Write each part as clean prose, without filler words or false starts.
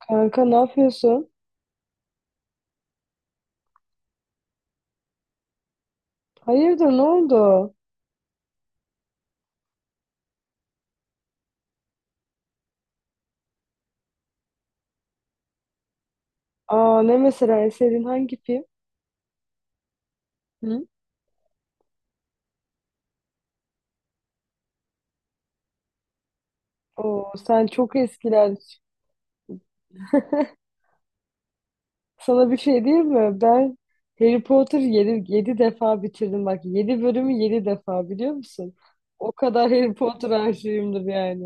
Kanka ne yapıyorsun? Hayırdır ne oldu? Aa ne mesela eserin hangi film? Hı? Oo sen çok eskiler. Sana bir şey diyeyim mi? Ben Harry Potter yedi defa bitirdim bak. Yedi bölümü 7 defa biliyor musun? O kadar Harry Potter aşığımdır yani.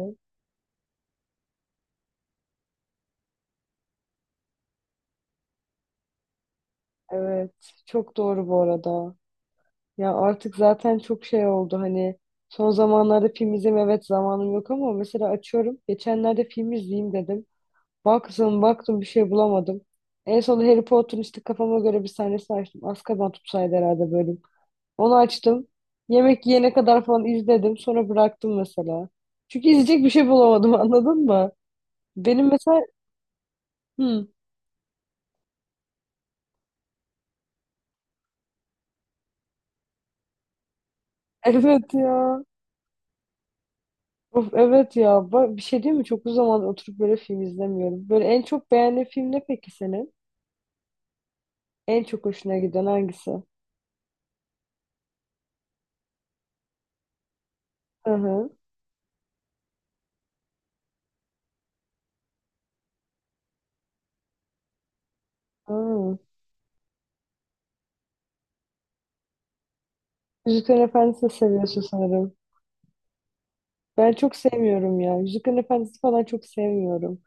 Evet, çok doğru bu arada. Ya artık zaten çok şey oldu hani son zamanlarda film izleme evet zamanım yok ama mesela açıyorum. Geçenlerde film izleyeyim dedim. Baktım bir şey bulamadım. En son Harry Potter'ın işte kafama göre bir sahnesi açtım. Azkaban tutsaydı herhalde bölüm. Onu açtım. Yemek yiyene kadar falan izledim. Sonra bıraktım mesela. Çünkü izleyecek bir şey bulamadım anladın mı? Benim mesela... Hı, evet ya. Of, evet ya. Bak, bir şey değil mi? Çok uzun zaman oturup böyle film izlemiyorum. Böyle en çok beğendiğin film ne peki senin? En çok hoşuna giden hangisi? Hı hı. Hı. Yüzüklerin Efendisi'ni seviyorsun sanırım. Ben çok sevmiyorum ya. Yüzüklerin Efendisi falan çok sevmiyorum.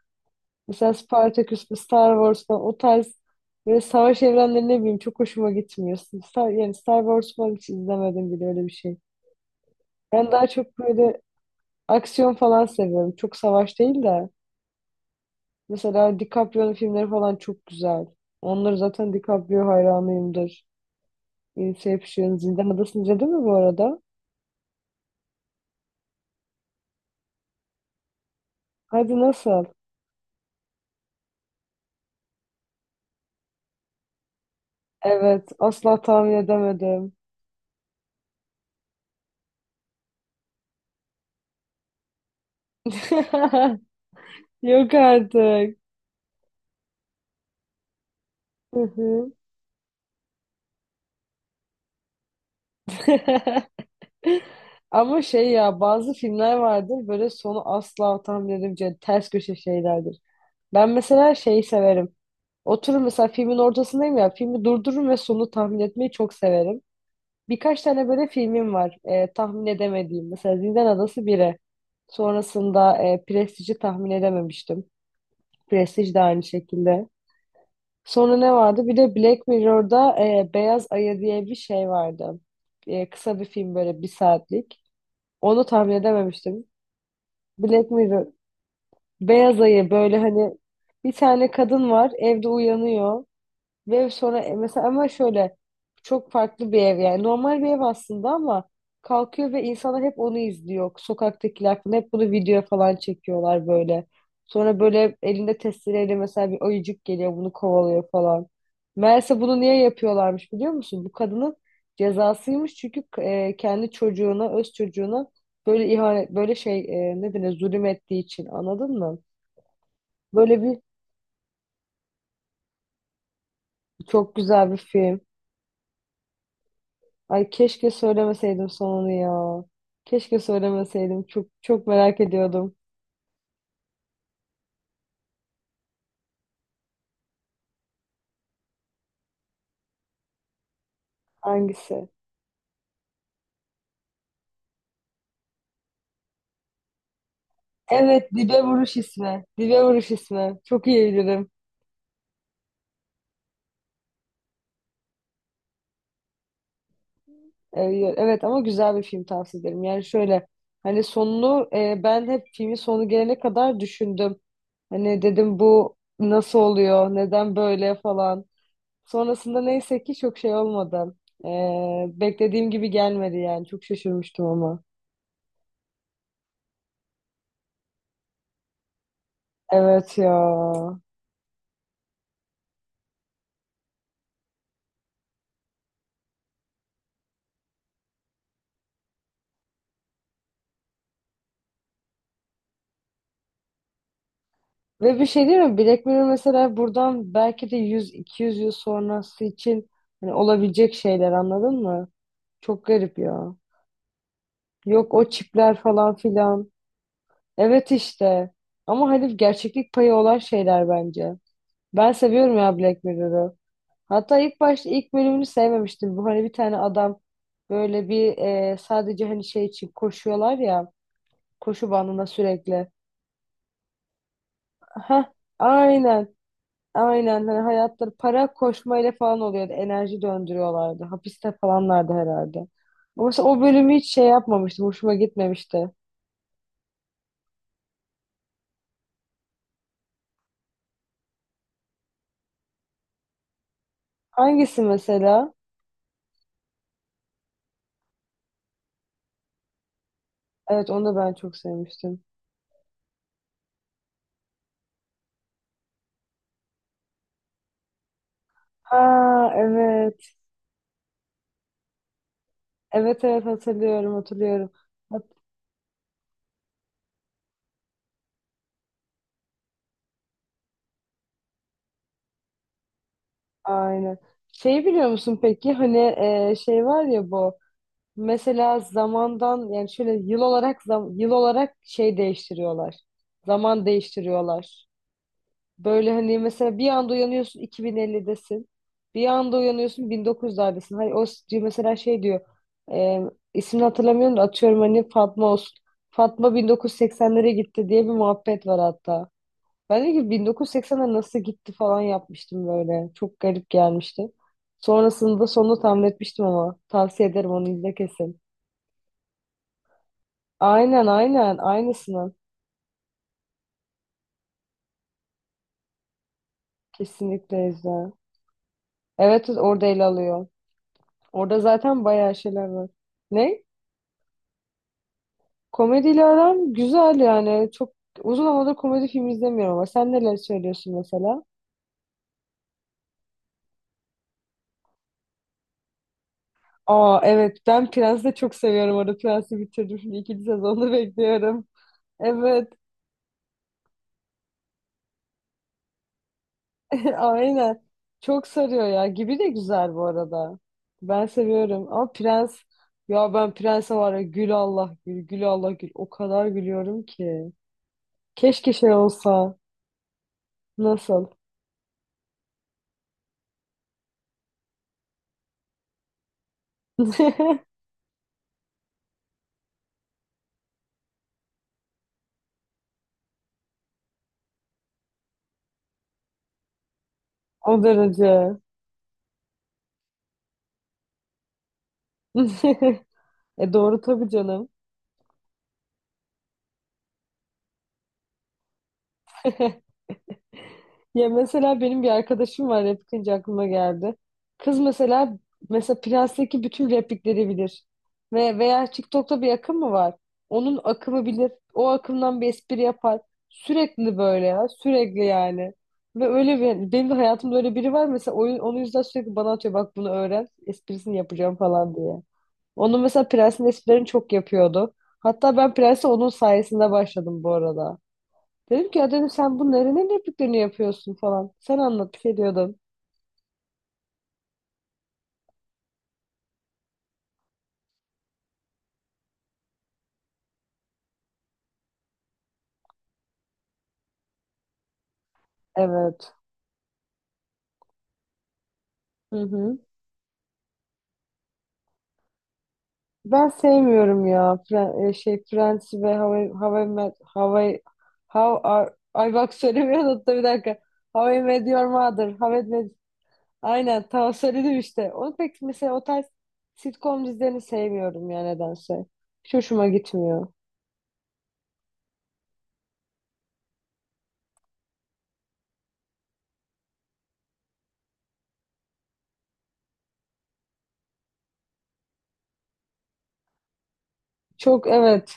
Mesela Spartacus, Star Wars falan o tarz böyle savaş evrenleri ne bileyim çok hoşuma gitmiyor. Star, yani Star Wars falan hiç izlemedim bile öyle bir şey. Ben daha çok böyle aksiyon falan seviyorum. Çok savaş değil de. Mesela DiCaprio'nun filmleri falan çok güzel. Onları zaten DiCaprio hayranıyımdır. Inception, Zindan Adası'nı izledin mi bu arada? Hadi nasıl? Evet, asla tahmin edemedim. Yok artık. Hı hı. Ama şey ya bazı filmler vardır böyle sonu asla tahmin, ters köşe şeylerdir. Ben mesela şeyi severim. Oturur mesela filmin ortasındayım ya, filmi durdururum ve sonu tahmin etmeyi çok severim. Birkaç tane böyle filmim var tahmin edemediğim. Mesela Zindan Adası 1'e. Sonrasında Prestige'i tahmin edememiştim. Prestige de aynı şekilde. Sonra ne vardı? Bir de Black Mirror'da Beyaz Ayı diye bir şey vardı. Kısa bir film böyle, bir saatlik. Onu tahmin edememiştim. Black Mirror. Beyaz ayı, böyle hani bir tane kadın var evde uyanıyor ve sonra mesela ama şöyle çok farklı bir ev, yani normal bir ev aslında ama kalkıyor ve insanlar hep onu izliyor. Sokaktakiler falan hep bunu videoya falan çekiyorlar böyle. Sonra böyle elinde testereyle mesela bir ayıcık geliyor, bunu kovalıyor falan. Meğerse bunu niye yapıyorlarmış biliyor musun? Bu kadının cezasıymış çünkü kendi çocuğuna, öz çocuğuna böyle ihanet, böyle şey, ne denir, zulüm ettiği için anladın mı? Böyle bir çok güzel bir film. Ay keşke söylemeseydim sonunu ya. Keşke söylemeseydim. Çok merak ediyordum. Hangisi? Evet, Dibe Vuruş ismi. Dibe Vuruş ismi. Çok iyi bilirim. Ee, Evet ama güzel bir film, tavsiye ederim. Yani şöyle hani sonunu ben hep filmin sonu gelene kadar düşündüm. Hani dedim bu nasıl oluyor? Neden böyle falan. Sonrasında neyse ki çok şey olmadı. Beklediğim gibi gelmedi yani. Çok şaşırmıştım ama. Evet ya. Ve bir şey değil mi? Black Mirror mesela buradan belki de 100-200 yıl sonrası için hani olabilecek şeyler anladın mı? Çok garip ya. Yok o çipler falan filan. Evet işte. Ama hani gerçeklik payı olan şeyler bence. Ben seviyorum ya Black Mirror'ı. Hatta ilk başta ilk bölümünü sevmemiştim. Bu hani bir tane adam böyle bir sadece hani şey için koşuyorlar ya. Koşu bandında sürekli. Heh, aynen. Aynen hani hayatları para koşmayla falan oluyordu. Enerji döndürüyorlardı. Hapiste falanlardı herhalde. Ama mesela o bölümü hiç şey yapmamıştım. Hoşuma gitmemişti. Hangisi mesela? Evet onu da ben çok sevmiştim. Ha evet. Evet hatırlıyorum, hatırlıyorum. Hat, aynen. Şey biliyor musun peki hani şey var ya bu mesela zamandan, yani şöyle yıl olarak zam-, yıl olarak şey değiştiriyorlar. Zaman değiştiriyorlar. Böyle hani mesela bir anda uyanıyorsun 2050'desin. Bir anda uyanıyorsun 1900'lerdesin. Hayır o s-, mesela şey diyor. E, ismini hatırlamıyorum da atıyorum hani Fatma olsun. Fatma 1980'lere gitti diye bir muhabbet var hatta. Ben de ki 1980'e nasıl gitti falan yapmıştım böyle. Çok garip gelmişti. Sonrasında sonunu tahmin etmiştim ama. Tavsiye ederim, onu izle kesin. Aynen aynısını. Kesinlikle izle. Evet orada ele alıyor. Orada zaten bayağı şeyler var. Ne? Komediyle aram güzel yani. Çok uzun zamandır komedi filmi izlemiyorum ama sen neler söylüyorsun mesela? Aa evet, ben Prens'i de çok seviyorum. Orada Prens'i bitirdim. Şimdi ikinci sezonunu bekliyorum. Evet aynen. Çok sarıyor ya. Gibi de güzel bu arada. Ben seviyorum ama Prens, ya ben Prens'e var ya gül Allah gül, gül Allah gül. O kadar gülüyorum ki. Keşke şey olsa. Nasıl? O derece. E doğru tabii canım. Ya mesela benim bir arkadaşım var, replikçi aklıma geldi. Kız mesela, Prens'teki bütün replikleri bilir. Ve veya TikTok'ta bir akım mı var? Onun akımı bilir. O akımdan bir espri yapar. Sürekli böyle ya. Sürekli yani. Ve öyle bir, benim de hayatımda öyle biri var. Mesela oyun, onun yüzden sürekli bana atıyor. Bak bunu öğren. Esprisini yapacağım falan diye. Onun mesela Prens'in esprilerini çok yapıyordu. Hatta ben Prens'e onun sayesinde başladım bu arada. Dedim ki ya dedim sen bunların ne repliklerini yapıyorsun falan. Sen anlat bir şey diyordun. Evet. Hı hı. Ben sevmiyorum ya Fren-, şey Friends ve How I, How Are-, ay bak söylemiyorum da bir dakika. How I Met Your Mother. How I Met, aynen tamam söyledim işte. Onu pek mesela o tarz sitcom dizilerini sevmiyorum ya nedense. Hiç hoşuma gitmiyor. Çok evet,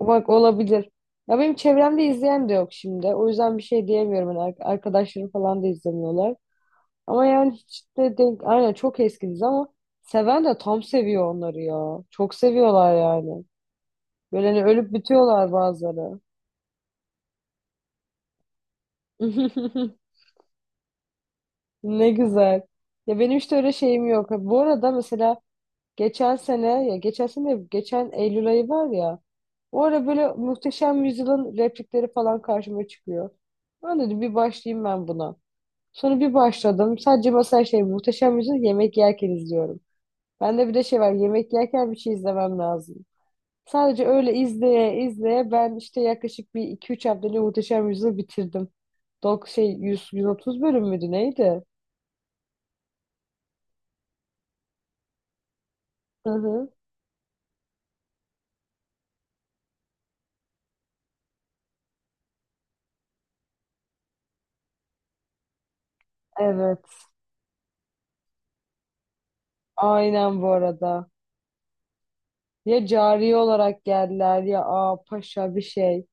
bak olabilir. Ya benim çevremde izleyen de yok şimdi. O yüzden bir şey diyemiyorum. Hani ar-, arkadaşlarım falan da izlemiyorlar. Ama yani hiç de denk... Aynen, çok eski dizi ama seven de tam seviyor onları ya. Çok seviyorlar yani. Böyle hani ölüp bitiyorlar bazıları. Ne güzel. Ya benim işte öyle şeyim yok. Bu arada mesela geçen sene, ya geçen sene geçen Eylül ayı var ya, o ara böyle Muhteşem Yüzyıl'ın replikleri falan karşıma çıkıyor. Ben dedim bir başlayayım ben buna. Sonra bir başladım. Sadece mesela şey Muhteşem Yüzyıl, yemek yerken izliyorum. Bende bir de şey var, yemek yerken bir şey izlemem lazım. Sadece öyle izleye izleye ben işte yaklaşık bir 2-3 haftada Muhteşem Yüzyıl'ı bitirdim. Dok şey yüz, 130 bölüm müydü neydi? Hı hı. Evet. Aynen bu arada. Ya cariye olarak geldiler ya aa paşa bir şey.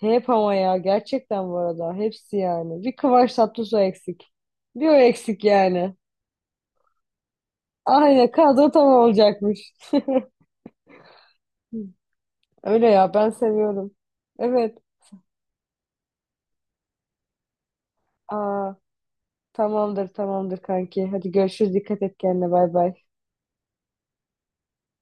Hep ama ya gerçekten bu arada hepsi yani. Bir Kıvanç Tatlıtuğ eksik. Bir o eksik yani. Aynen kadro tam olacakmış. Öyle ya ben seviyorum. Evet. Aa, tamamdır kanki. Hadi görüşürüz, dikkat et kendine, bay bay.